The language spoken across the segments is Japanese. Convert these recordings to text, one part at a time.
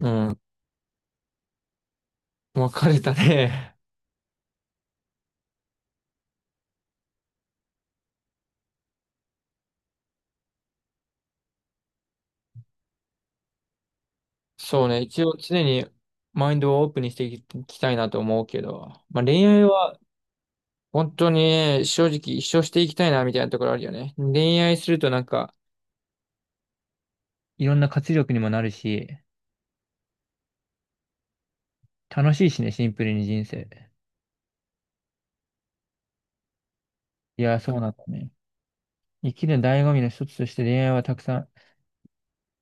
うん。別れたね。そうね。一応常にマインドをオープンにしていきたいなと思うけど。まあ恋愛は本当に正直一生していきたいなみたいなところあるよね。恋愛するとなんかいろんな活力にもなるし、楽しいしね、シンプルに人生。いや、そうなんだね。生きる醍醐味の一つとして恋愛はたくさん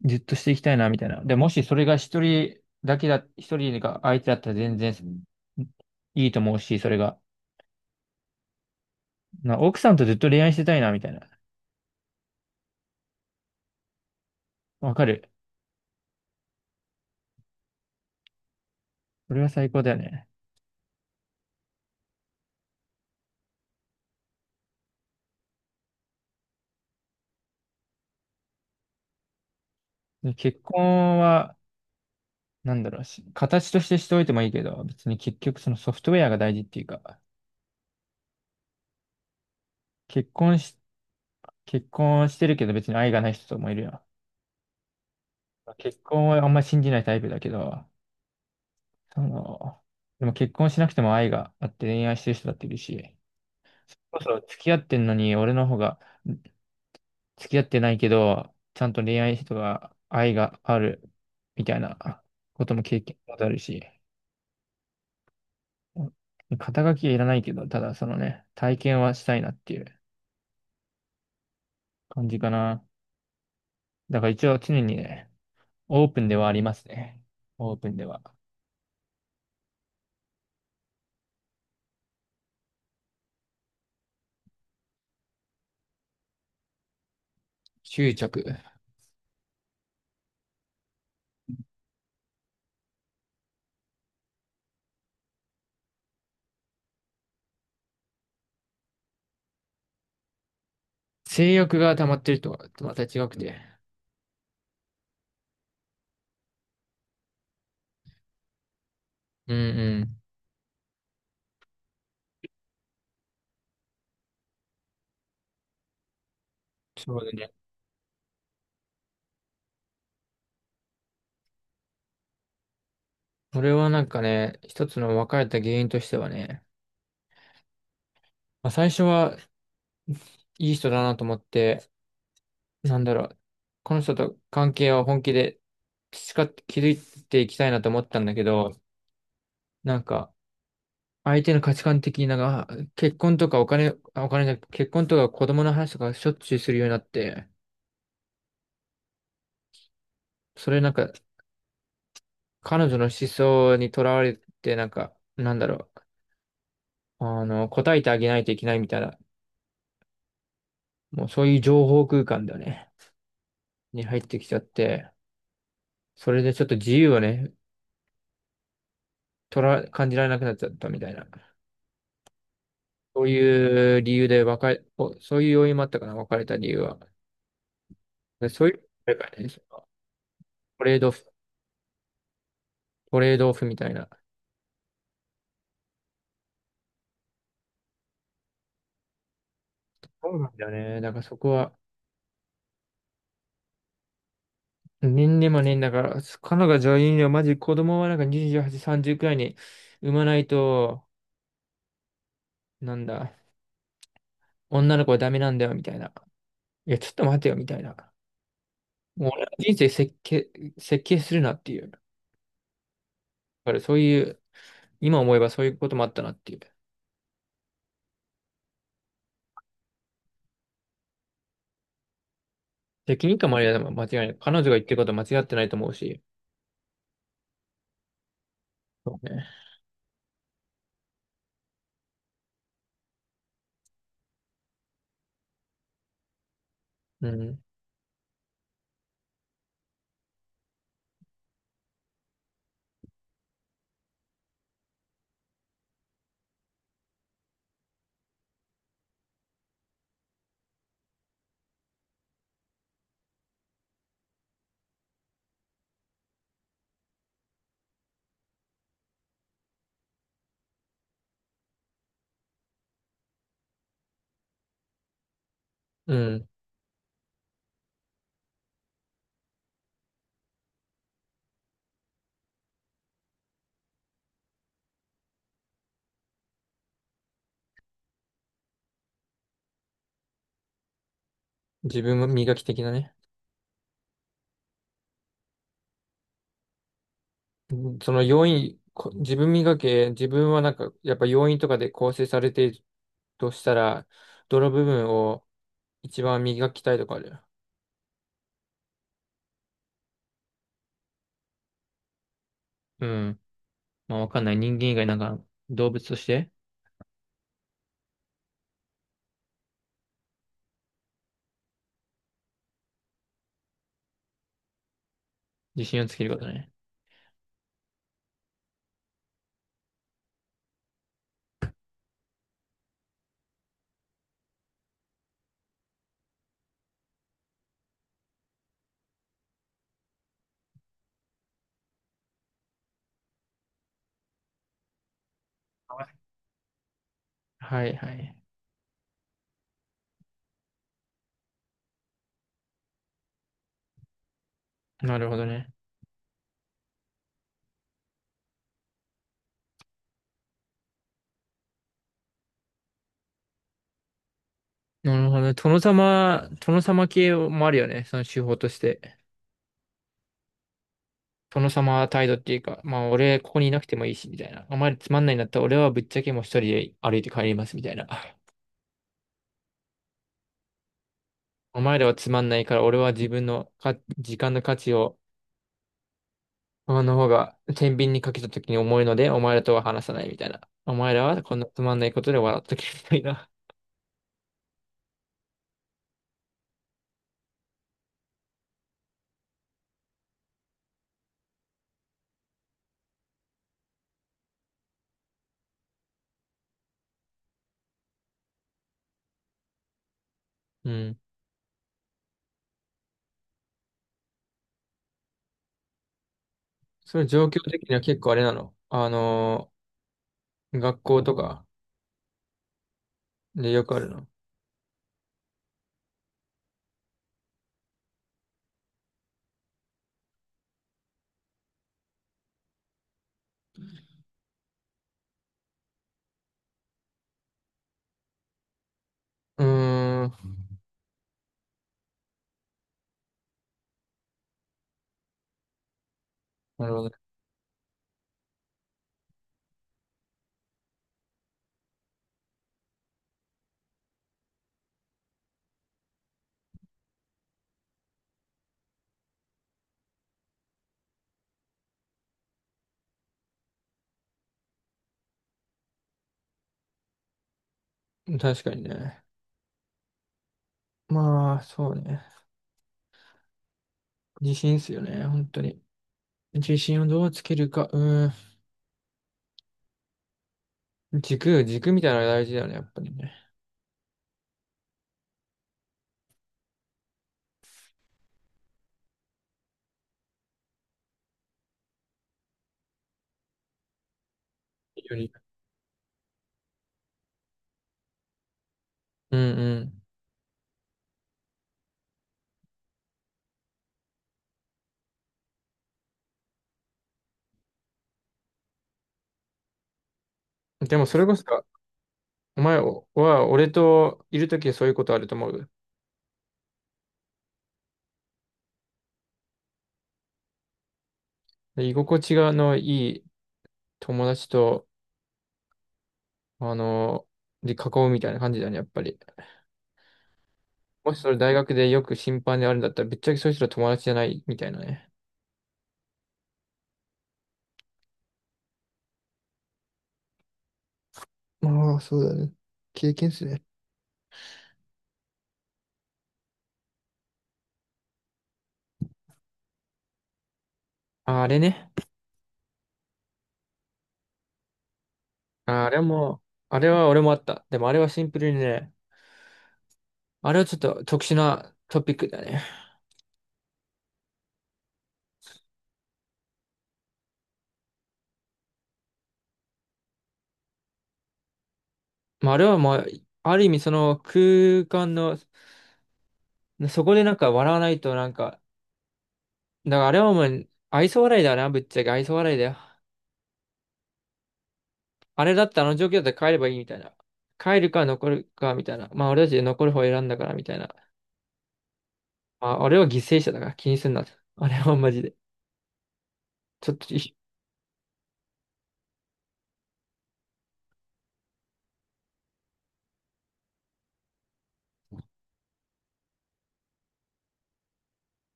ずっとしていきたいなみたいな。で、もしそれが一人だけだ、一人が相手だったら全然、うん、いいと思うし、それが。奥さんとずっと恋愛してたいなみたいな。わかる。これは最高だよね。で結婚は、なんだろうし、形としてしておいてもいいけど、別に結局そのソフトウェアが大事っていうか、結婚し、結婚してるけど別に愛がない人ともいるよ。結婚はあんま信じないタイプだけど、その、でも結婚しなくても愛があって恋愛してる人だっているし、それこそ付き合ってんのに俺の方が付き合ってないけど、ちゃんと恋愛人が愛があるみたいなことも経験もあるし、うん、肩書きはいらないけど、ただそのね、体験はしたいなっていう感じかな。だから一応常にね、オープンではありますね。オープンでは。執着。性欲が溜まってるとはまた違くて。うんうん。そうだね。これはなんかね、一つの別れた原因としてはね、まあ、最初はいい人だなと思って、なんだろう、この人と関係を本気で培って築いていきたいなと思ったんだけど、なんか、相手の価値観的になんか、結婚とかお金、あお金じゃなくて、結婚とか子供の話とかしょっちゅうするようになって、それなんか、彼女の思想にとらわれて、なんか、なんだろう、答えてあげないといけないみたいな、もうそういう情報空間だよね、に入ってきちゃって、それでちょっと自由をね、感じられなくなっちゃったみたいな。そういう理由で別れ、おそういう要因もあったかな、別れた理由は。でそういう、あれかね、トレードオフ、トレードオフみたいな。そうなんだよね。だからそこは、年でもね、だから、彼女が女優にはマジ子供はなんか28、30くらいに産まないと、なんだ、女の子はダメなんだよ、みたいな。いや、ちょっと待てよ、みたいな。もう俺の人生設計、設計するなっていう。だからそういう、今思えばそういうこともあったなっていう。責任感もありだ、間違いない。彼女が言ってることは間違ってないと思うし。そうね。うん。うん。自分も磨き的なね。うん、その要因、こ自分磨け、自分はなんか、やっぱ要因とかで構成されているとしたら、どの部分を一番磨きたいとかある。うん。まあ、わかんない。人間以外なんか動物として自信をつけることね。はいはい。なるほどね。なるほどね。殿様系もあるよね。その手法として。殿様態度っていうか、まあ俺ここにいなくてもいいし、みたいな。お前らつまんないんだったら俺はぶっちゃけもう一人で歩いて帰ります、みたいな。お前らはつまんないから、俺は自分の時間の価値を、あの方が天秤にかけた時に重いので、お前らとは話さないみたいな。お前らはこんなつまんないことで笑っとけみたいな。うん。それ状況的には結構あれなの。学校とかでよくあるの。うーん。なるほどね。確かにね。まあ、そうね。自信っすよね、本当に。自信をどうつけるか。うーん。軸、軸みたいなのが大事だよね、やっぱりね。より。うんうん。でもそれこそ、お前は俺といるときはそういうことあると思う。で居心地がのいい友達と、あの、で囲うみたいな感じだね、やっぱり。もしそれ大学でよく審判であるんだったら、ぶっちゃけそういう人は友達じゃないみたいなね。ああ、そうだね。経験っすね。ああれね。ああれも、あれは俺もあった。でもあれはシンプルにね、あれはちょっと特殊なトピックだね。まあ、あれはもう、ある意味その空間の、そこでなんか笑わないとなんか、だからあれはもう愛想笑いだな、ぶっちゃけ愛想笑いだよ。あれだったらあの状況だったら帰ればいいみたいな。帰るか残るかみたいな。まあ俺たちで残る方を選んだからみたいな。まあ俺は犠牲者だから気にすんな。あれはマジで。ちょっとい、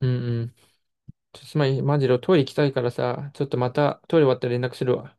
うんうん。ちょっとすまん、マジでトイレ行きたいからさ、ちょっとまたトイレ終わったら連絡するわ。